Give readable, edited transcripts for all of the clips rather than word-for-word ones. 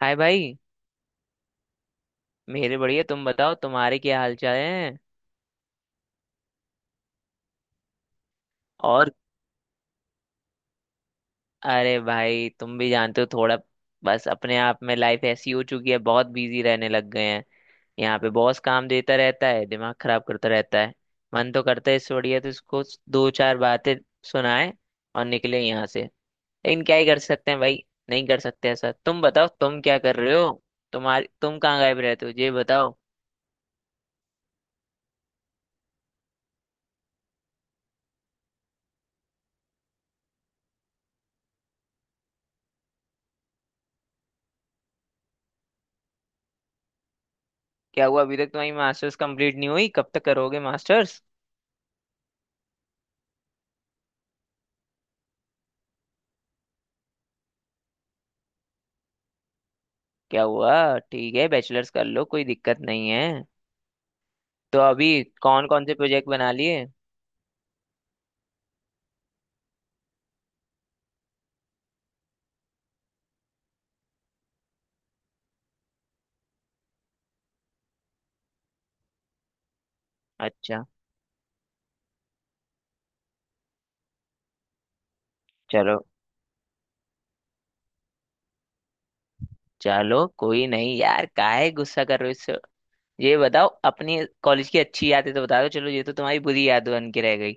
हाय भाई। मेरे बढ़िया, तुम बताओ तुम्हारे क्या हाल चाल हैं? और अरे भाई, तुम भी जानते हो थोड़ा। बस अपने आप में लाइफ ऐसी हो चुकी है, बहुत बिजी रहने लग गए हैं। यहाँ पे बॉस काम देता रहता है, दिमाग खराब करता रहता है। मन तो करता है इससे बढ़िया तो इसको दो चार बातें सुनाए और निकले यहाँ से। लेकिन क्या ही कर सकते हैं भाई, नहीं कर सकते। ऐसा तुम बताओ, तुम क्या कर रहे हो? तुम कहाँ गायब रहते हो ये बताओ? क्या हुआ, अभी तक तुम्हारी मास्टर्स कंप्लीट नहीं हुई? कब तक करोगे मास्टर्स? क्या हुआ, ठीक है बैचलर्स कर लो, कोई दिक्कत नहीं है। तो अभी कौन कौन से प्रोजेक्ट बना लिए? अच्छा। चलो चलो, कोई नहीं यार, काहे गुस्सा कर रहे हो इससे? ये बताओ अपनी कॉलेज की अच्छी यादें तो बता दो। चलो, ये तो तुम्हारी बुरी याद बन के रह गई।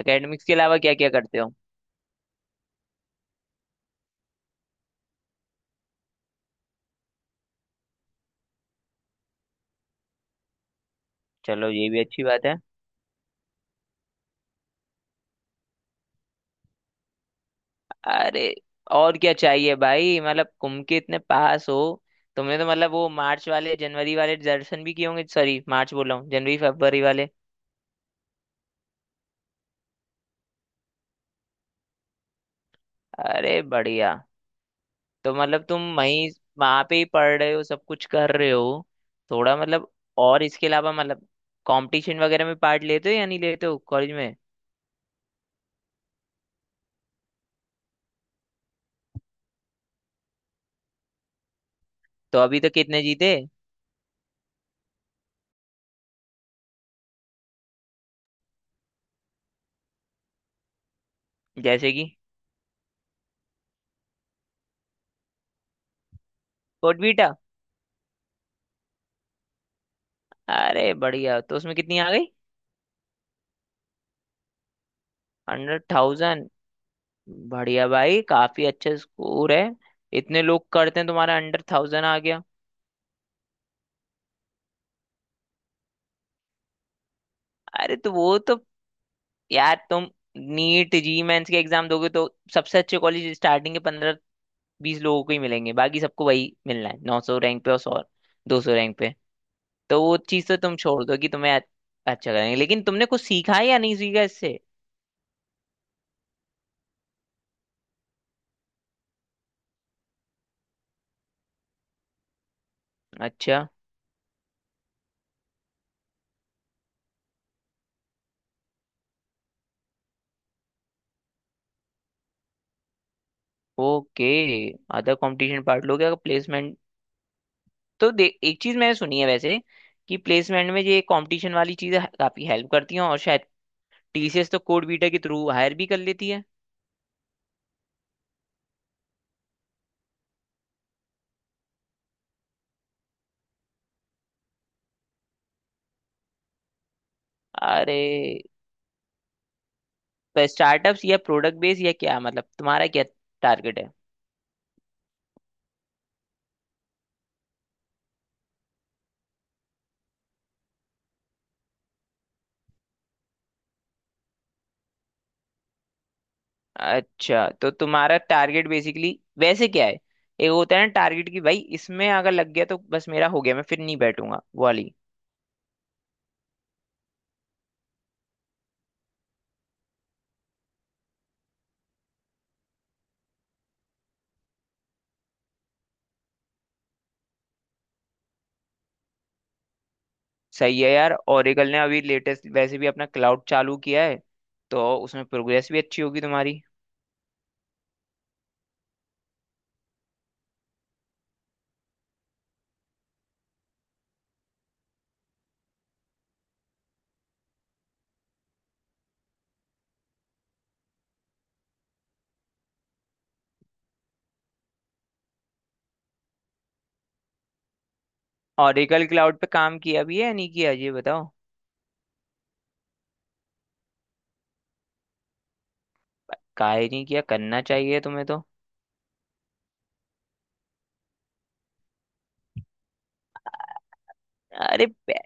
एकेडमिक्स के अलावा क्या क्या करते हो? चलो ये भी अच्छी बात है। अरे, और क्या चाहिए भाई, मतलब कुम के इतने पास हो। तुमने तो मतलब वो मार्च वाले जनवरी वाले दर्शन भी किए होंगे, सॉरी मार्च बोल रहा हूँ, जनवरी फरवरी वाले। अरे बढ़िया। तो मतलब तुम वहीं वहां पे ही पढ़ रहे हो, सब कुछ कर रहे हो? थोड़ा मतलब, और इसके अलावा मतलब कंपटीशन वगैरह में पार्ट लेते हो या नहीं लेते हो कॉलेज में? तो अभी तक कितने जीते? जैसे कि? कोटबीटा? अरे बढ़िया, तो उसमें कितनी आ गई? Hundred thousand? बढ़िया भाई, काफी अच्छा स्कोर है। इतने लोग करते हैं, तुम्हारा अंडर थाउजेंड आ गया। अरे तो वो तो यार तुम, नीट जी मेंस के एग्जाम दोगे तो सबसे अच्छे कॉलेज स्टार्टिंग के 15 20 लोगों को ही मिलेंगे। बाकी सबको वही मिलना है, 900 रैंक पे और 100 200 रैंक पे। तो वो चीज़ तो तुम छोड़ दो कि तुम्हें अच्छा करेंगे, लेकिन तुमने कुछ सीखा है या नहीं सीखा इससे? अच्छा। ओके। अदर कंपटीशन पार्ट लोगे अगर प्लेसमेंट तो दे। एक चीज मैंने सुनी है वैसे, कि प्लेसमेंट में ये कंपटीशन वाली चीजें काफी हेल्प करती हैं, और शायद टीसीएस तो कोड बीटा के थ्रू हायर भी कर लेती है। अरे पर स्टार्टअप्स या प्रोडक्ट बेस या क्या मतलब तुम्हारा क्या टारगेट है अच्छा तो तुम्हारा टारगेट बेसिकली वैसे क्या है एक होता है ना टारगेट की भाई इसमें अगर लग गया तो बस मेरा हो गया मैं फिर नहीं बैठूंगा वाली सही है यार ओरेकल ने अभी लेटेस्ट वैसे भी अपना क्लाउड चालू किया है तो उसमें प्रोग्रेस भी अच्छी होगी तुम्हारी ओरेकल क्लाउड पे काम किया भी है या नहीं किया ये बताओ काहे नहीं किया करना चाहिए तुम्हें तो अरे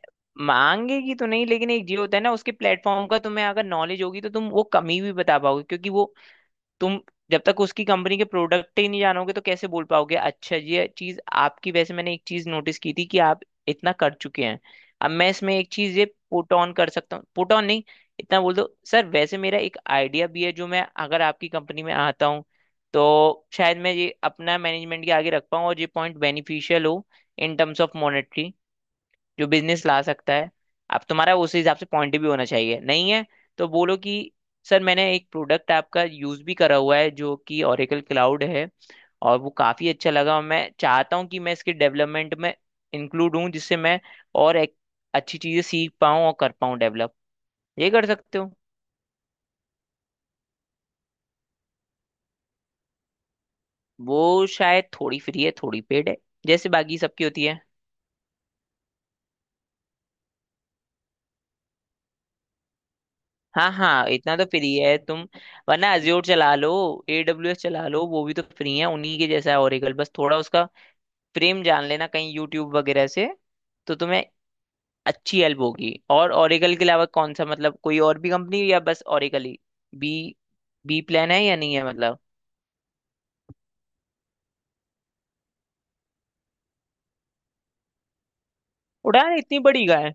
मांगेगी तो नहीं, लेकिन एक जी होता है ना उसके प्लेटफॉर्म का। तुम्हें अगर नॉलेज होगी तो तुम वो कमी भी बता पाओगे, क्योंकि वो तुम जब तक उसकी कंपनी के प्रोडक्ट ही नहीं जानोगे तो कैसे बोल पाओगे? अच्छा ये चीज आपकी, वैसे मैंने एक चीज नोटिस की थी कि आप इतना कर चुके हैं, अब मैं इसमें एक चीज ये पुट ऑन कर सकता हूँ। पुट ऑन नहीं, इतना बोल दो, सर वैसे मेरा एक आइडिया भी है, जो मैं अगर आपकी कंपनी में आता हूँ तो शायद मैं ये अपना मैनेजमेंट के आगे रख पाऊँ, और ये पॉइंट बेनिफिशियल हो इन टर्म्स ऑफ मॉनेटरी जो बिजनेस ला सकता है। अब तुम्हारा उस हिसाब से पॉइंट भी होना चाहिए, नहीं है तो बोलो कि सर मैंने एक प्रोडक्ट आपका यूज भी करा हुआ है जो कि ओरेकल क्लाउड है, और वो काफी अच्छा लगा और मैं चाहता हूँ कि मैं इसके डेवलपमेंट में इंक्लूड हूँ, जिससे मैं और एक अच्छी चीजें सीख पाऊँ और कर पाऊँ डेवलप। ये कर सकते हो। वो शायद थोड़ी फ्री है, थोड़ी पेड है, जैसे बाकी सबकी होती है। हाँ हाँ, इतना तो फ्री है तुम, वरना अज्योर चला लो, एडब्ल्यूएस चला लो, वो भी तो फ्री है। उन्हीं के जैसा है ओरेकल, बस थोड़ा उसका फ्रेम जान लेना कहीं यूट्यूब वगैरह से, तो तुम्हें अच्छी हेल्प होगी। और ओरेकल के अलावा कौन सा, मतलब कोई और भी कंपनी या बस ओरेकल ही, बी बी प्लान है या नहीं है मतलब? उड़ान इतनी बड़ी का है?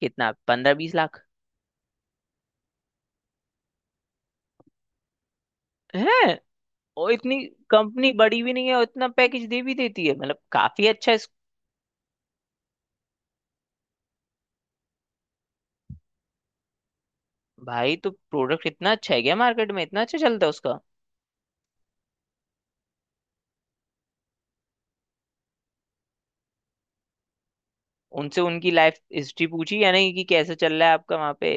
कितना, 15 20 लाख? है? और इतनी कंपनी बड़ी भी नहीं है और इतना पैकेज दे भी देती है, मतलब काफी अच्छा है। इस भाई तो प्रोडक्ट इतना अच्छा है क्या, मार्केट में इतना अच्छा चलता है उसका? उनसे उनकी लाइफ हिस्ट्री पूछी, यानी कि कैसे चल रहा है आपका वहां पे?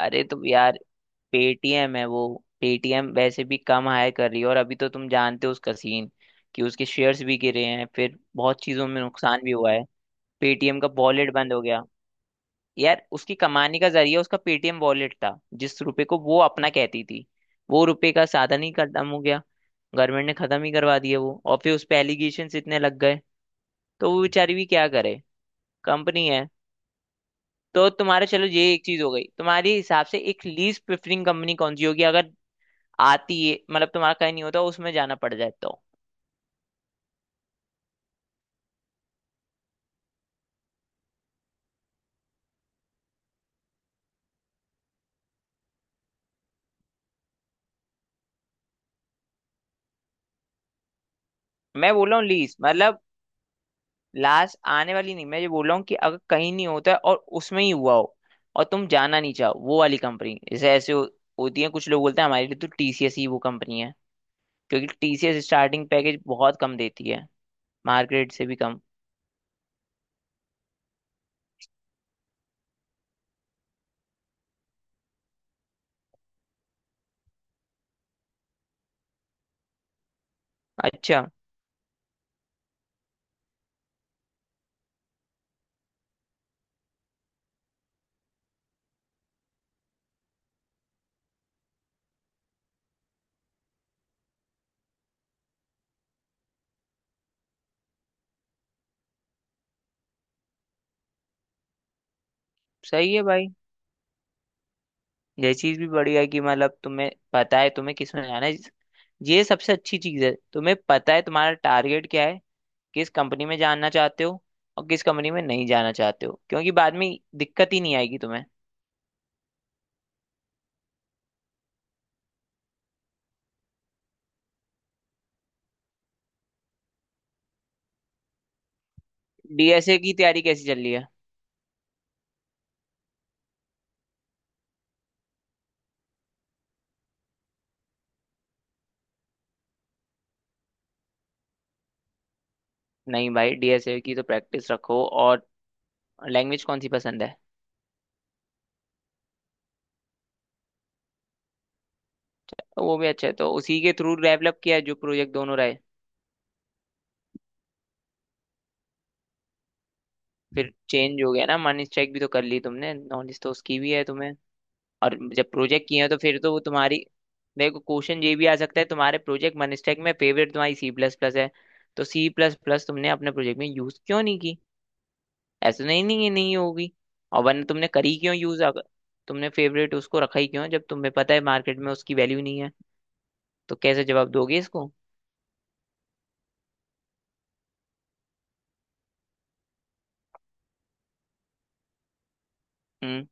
अरे तो यार, पेटीएम है वो, पेटीएम वैसे भी कम हायर कर रही है, और अभी तो तुम जानते हो उसका सीन, कि उसके शेयर्स भी गिरे हैं, फिर बहुत चीजों में नुकसान भी हुआ है। पेटीएम का वॉलेट बंद हो गया। यार उसकी कमाने का जरिया उसका पेटीएम वॉलेट था, जिस रुपए को वो अपना कहती थी, वो रुपए का साधन ही खत्म हो गया। गवर्नमेंट ने खत्म ही करवा दिया वो, और फिर उस पे एलिगेशन इतने लग गए, तो वो बेचारी भी क्या करे, कंपनी है। तो तुम्हारा, चलो, ये एक चीज हो गई, तुम्हारे हिसाब से एक लीस्ट प्रेफरिंग कंपनी कौन सी होगी, अगर आती है, मतलब तुम्हारा कहीं नहीं होता, उसमें जाना पड़ जाए तो? मैं बोल रहा हूँ लीस्ट मतलब लास्ट आने वाली नहीं, मैं ये बोल रहा हूँ कि अगर कहीं नहीं होता है और उसमें ही हुआ हो और तुम जाना नहीं चाहो वो वाली कंपनी, जैसे ऐसे हो, होती है, कुछ लोग बोलते हैं हमारे लिए तो टीसीएस ही वो कंपनी है, क्योंकि टीसीएस स्टार्टिंग पैकेज बहुत कम देती है, मार्केट से भी कम। अच्छा। सही है भाई। ये चीज भी बढ़िया है कि मतलब तुम्हें पता है तुम्हें किस में जाना है, ये सबसे अच्छी चीज है। तुम्हें पता है तुम्हारा टारगेट क्या है, किस कंपनी में जाना चाहते हो और किस कंपनी में नहीं जाना चाहते हो, क्योंकि बाद में दिक्कत ही नहीं आएगी तुम्हें। डीएसए की तैयारी कैसी चल रही है? नहीं भाई, डीएसए की तो प्रैक्टिस रखो। और लैंग्वेज कौन सी पसंद है? तो वो भी अच्छा है, तो उसी के थ्रू डेवलप किया है जो प्रोजेक्ट दोनों रहे? फिर चेंज हो गया ना, मनी स्ट्राइक भी तो कर ली तुमने, नॉलेज तो उसकी भी है तुम्हें, और जब प्रोजेक्ट किए हो तो फिर तो वो तुम्हारी। देखो, क्वेश्चन ये भी आ सकता है, तुम्हारे प्रोजेक्ट मनस्टैक में, फेवरेट तुम्हारी सी प्लस प्लस है, तो सी प्लस प्लस तुमने अपने प्रोजेक्ट में यूज क्यों नहीं की? ऐसा नहीं नहीं, ये नहीं होगी, और वरना तुमने करी क्यों यूज, अगर तुमने फेवरेट उसको रखा ही क्यों है, जब तुम्हें पता है मार्केट में उसकी वैल्यू नहीं है, तो कैसे जवाब दोगे इसको? हम्म।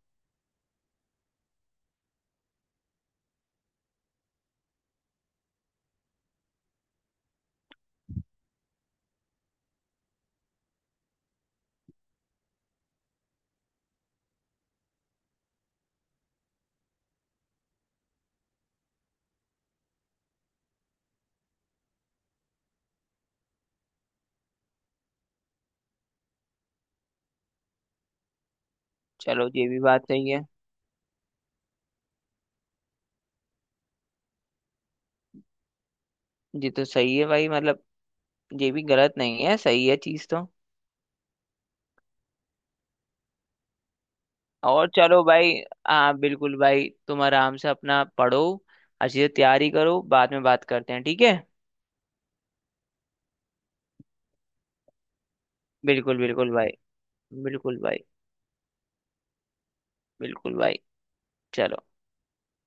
चलो ये भी बात सही है। ये तो सही है भाई, मतलब ये भी गलत नहीं है, सही है चीज तो। और चलो भाई, हाँ बिल्कुल भाई, तुम आराम से अपना पढ़ो, अच्छी से तैयारी करो, बाद में बात करते हैं ठीक है? बिल्कुल बिल्कुल भाई। बिल्कुल भाई। बिल्कुल भाई। चलो।